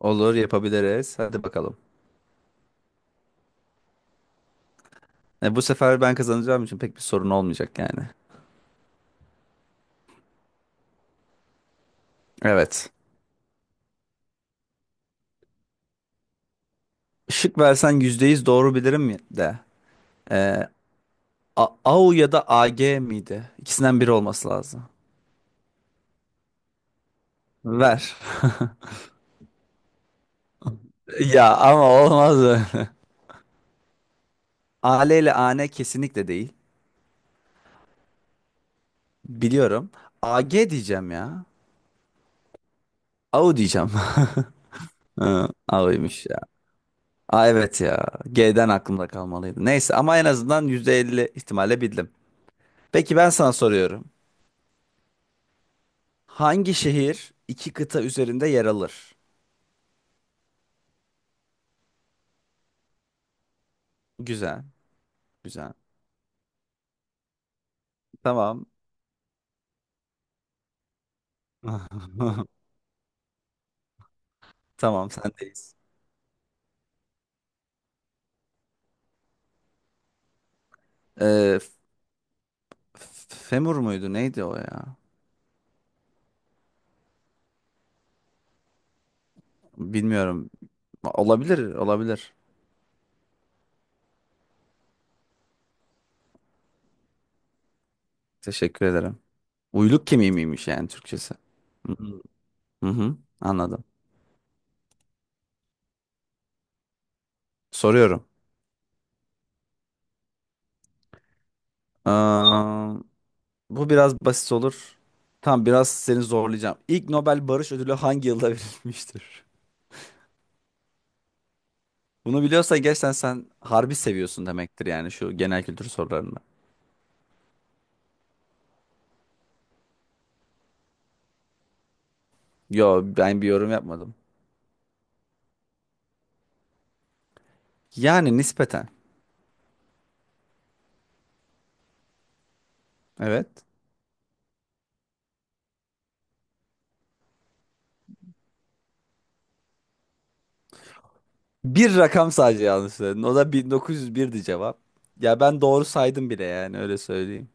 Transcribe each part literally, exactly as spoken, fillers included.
Olur yapabiliriz. Hadi bakalım. E, bu sefer ben kazanacağım için pek bir sorun olmayacak yani. Evet. Şık versen yüzde yüz doğru bilirim mi de. E, A- AU ya da A G miydi? İkisinden biri olması lazım. Ver. Ya ama olmaz öyle. A L ile A N kesinlikle değil. Biliyorum. A G diyeceğim ya. A U diyeceğim. Hı, A U'ymuş ya. Aa, evet ya. G'den aklımda kalmalıydı. Neyse ama en azından yüzde elli ihtimalle bildim. Peki ben sana soruyorum. Hangi şehir iki kıta üzerinde yer alır? Güzel, güzel. Tamam. Tamam, sendeyiz. Ee, F- Femur muydu? Neydi o ya? Bilmiyorum. Olabilir, olabilir. Teşekkür ederim. Uyluk kemiği miymiş yani Türkçesi? Hı hı, hı hı, anladım. Soruyorum. Aa, bu biraz basit olur. Tamam, biraz seni zorlayacağım. İlk Nobel Barış Ödülü hangi yılda verilmiştir? Bunu biliyorsan gerçekten sen harbi seviyorsun demektir yani şu genel kültür sorularını. Yo ben bir yorum yapmadım. Yani nispeten. Evet. Bir rakam sadece yanlış söyledin. O da bin dokuz yüz birdi cevap. Ya ben doğru saydım bile yani öyle söyleyeyim.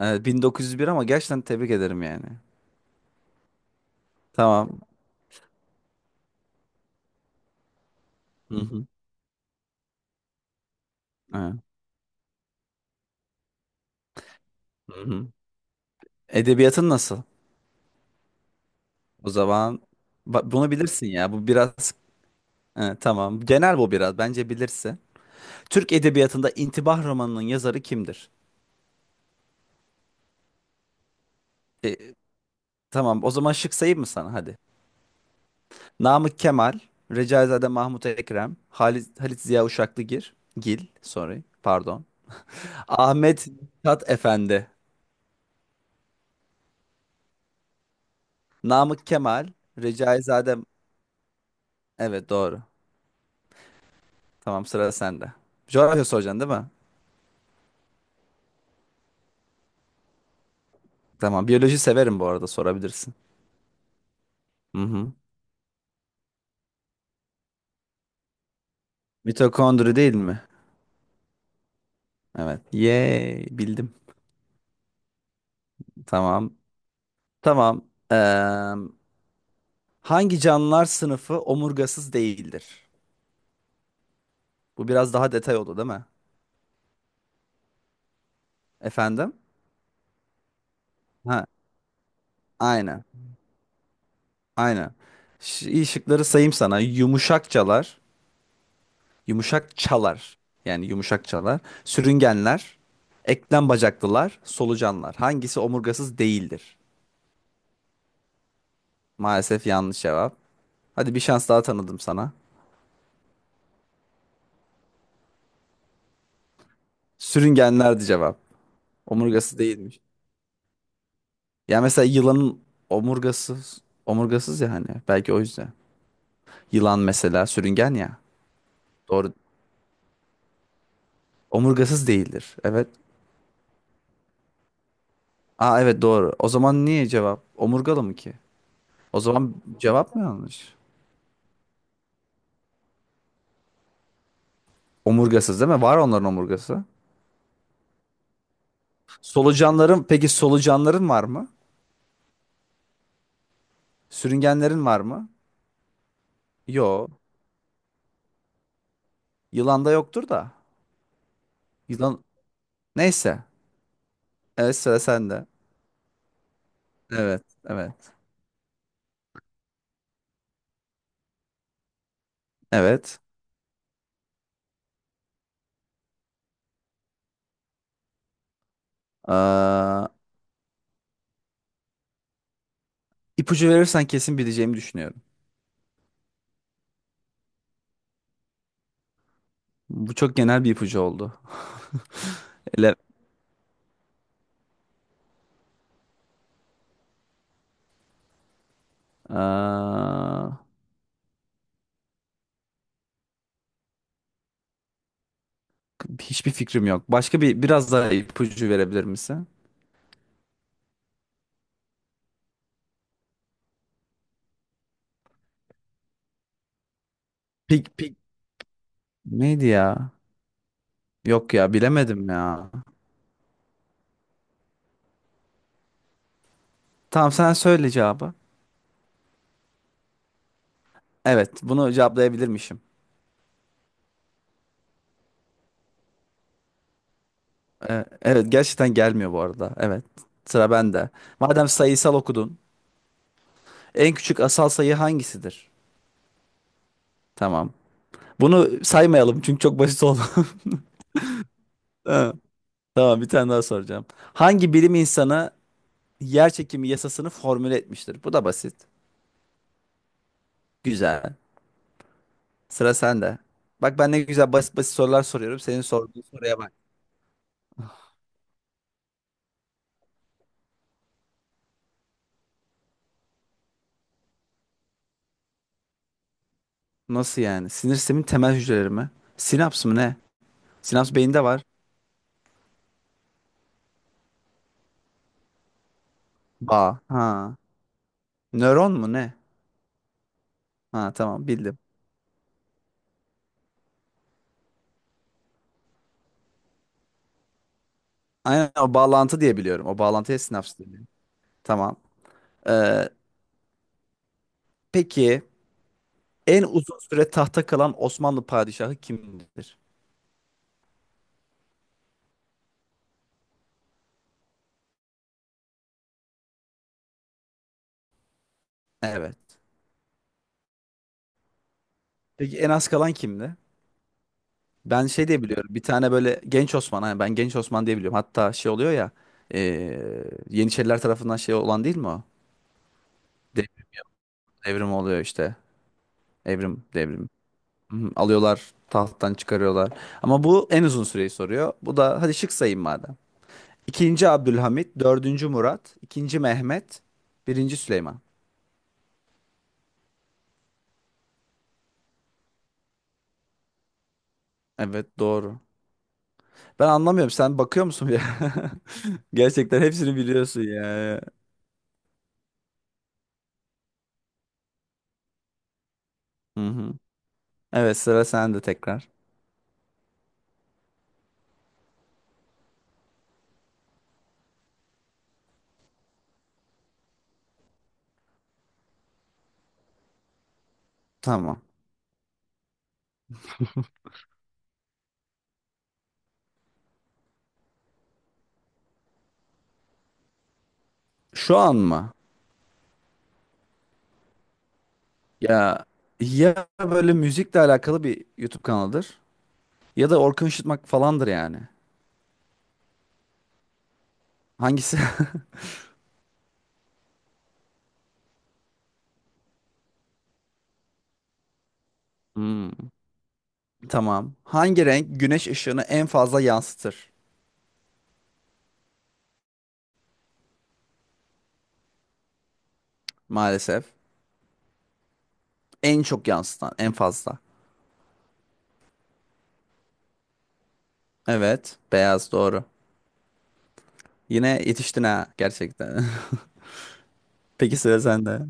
Evet, bin dokuz yüz bir ama gerçekten tebrik ederim yani. Tamam. Hı hı. Evet. Hı hı. Edebiyatın nasıl? O zaman ba- bunu bilirsin ya. Bu biraz. Evet, tamam. Genel bu biraz. Bence bilirsin. Türk edebiyatında İntibah romanının yazarı kimdir? E, Tamam o zaman şık sayayım mı sana hadi. Namık Kemal, Recaizade Mahmut Ekrem, Halit, Halit Ziya Uşaklıgil, Gil, sorry, pardon. Ahmet Mithat Efendi, Namık Kemal, Recaizade... Evet doğru. Tamam sıra sende. Coğrafya soracaksın değil mi? Tamam biyoloji severim bu arada sorabilirsin. Hı hı. Mitokondri değil mi? Evet. Yay bildim. Tamam. Tamam. Eee, hangi canlılar sınıfı omurgasız değildir? Bu biraz daha detay oldu değil mi? Efendim? Ha, aynen. Aynen. Ş- iyi şıkları sayayım sana. Yumuşakçalar, yumuşak çalar. Yani yumuşak çalar. Sürüngenler, eklem bacaklılar, solucanlar. Hangisi omurgasız değildir? Maalesef yanlış cevap. Hadi bir şans daha tanıdım sana. Sürüngenlerdi cevap. Omurgası değilmiş. Ya mesela yılanın omurgasız, omurgasız ya hani. Belki o yüzden. Yılan mesela sürüngen ya. Doğru. Omurgasız değildir. Evet. Aa, evet doğru. O zaman niye cevap? Omurgalı mı ki? O zaman cevap mı yanlış? Omurgasız değil mi? Var onların omurgası. Solucanların peki solucanların var mı? Sürüngenlerin var mı? Yo. Yılanda yoktur da. Yılan neyse. Evet sıra sende. Evet. Evet. Evet. Aa, ipucu verirsen kesin bileceğimi düşünüyorum. Bu çok genel bir ipucu oldu. Ele... Aa, hiçbir fikrim yok. Başka bir biraz daha ipucu verebilir misin? Pik pik neydi ya? Yok ya bilemedim ya. Tamam sen söyle cevabı. Evet bunu cevaplayabilirmişim. Ee, evet gerçekten gelmiyor bu arada. Evet sıra bende. Madem sayısal okudun. En küçük asal sayı hangisidir? Tamam. Bunu saymayalım çünkü çok basit oldu. Ha, tamam bir tane daha soracağım. Hangi bilim insanı yer çekimi yasasını formüle etmiştir? Bu da basit. Güzel. Sıra sende. Bak ben ne güzel basit basit sorular soruyorum. Senin sorduğun soruya bak. Nasıl yani? Sinir sistemin temel hücreleri mi? Sinaps mı ne? Sinapsın beyinde var. Bağ. Ha. Nöron mu ne? Ha, tamam bildim. Aynen o bağlantı diye biliyorum. O bağlantıya sinaps deniyor. Tamam. Ee, peki en uzun süre tahta kalan Osmanlı padişahı kimdir? Evet. Peki en az kalan kimdi? Ben şey diye biliyorum. Bir tane böyle Genç Osman. Hani ben Genç Osman diye biliyorum. Hatta şey oluyor ya. ee, Yeniçeriler tarafından şey olan değil mi o? Dev- Devrim oluyor işte. Evrim, devrim. Hı, alıyorlar, tahttan çıkarıyorlar. Ama bu en uzun süreyi soruyor. Bu da hadi şık sayayım madem. İkinci Abdülhamit, dördüncü Murat, ikinci Mehmet, birinci Süleyman. Evet doğru. Ben anlamıyorum. Sen bakıyor musun ya? Gerçekten hepsini biliyorsun ya. Hı hı. Evet sıra sende tekrar. Tamam. Şu an mı? Ya ya böyle müzikle alakalı bir YouTube kanalıdır ya da Orkun Işıtmak falandır yani. Hangisi? Hmm. Tamam. Hangi renk güneş ışığını en fazla yansıtır? Maalesef. En çok yansıtan, en fazla. Evet, beyaz doğru. Yine yetiştin ha gerçekten. Peki sıra sende.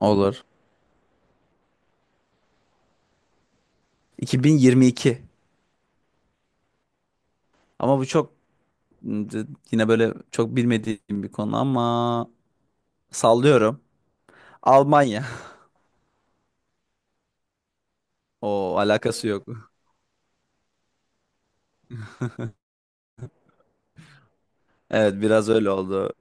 Olur. iki bin yirmi iki. Ama bu çok yine böyle çok bilmediğim bir konu ama sallıyorum. Almanya. O alakası yok. Evet, biraz öyle oldu.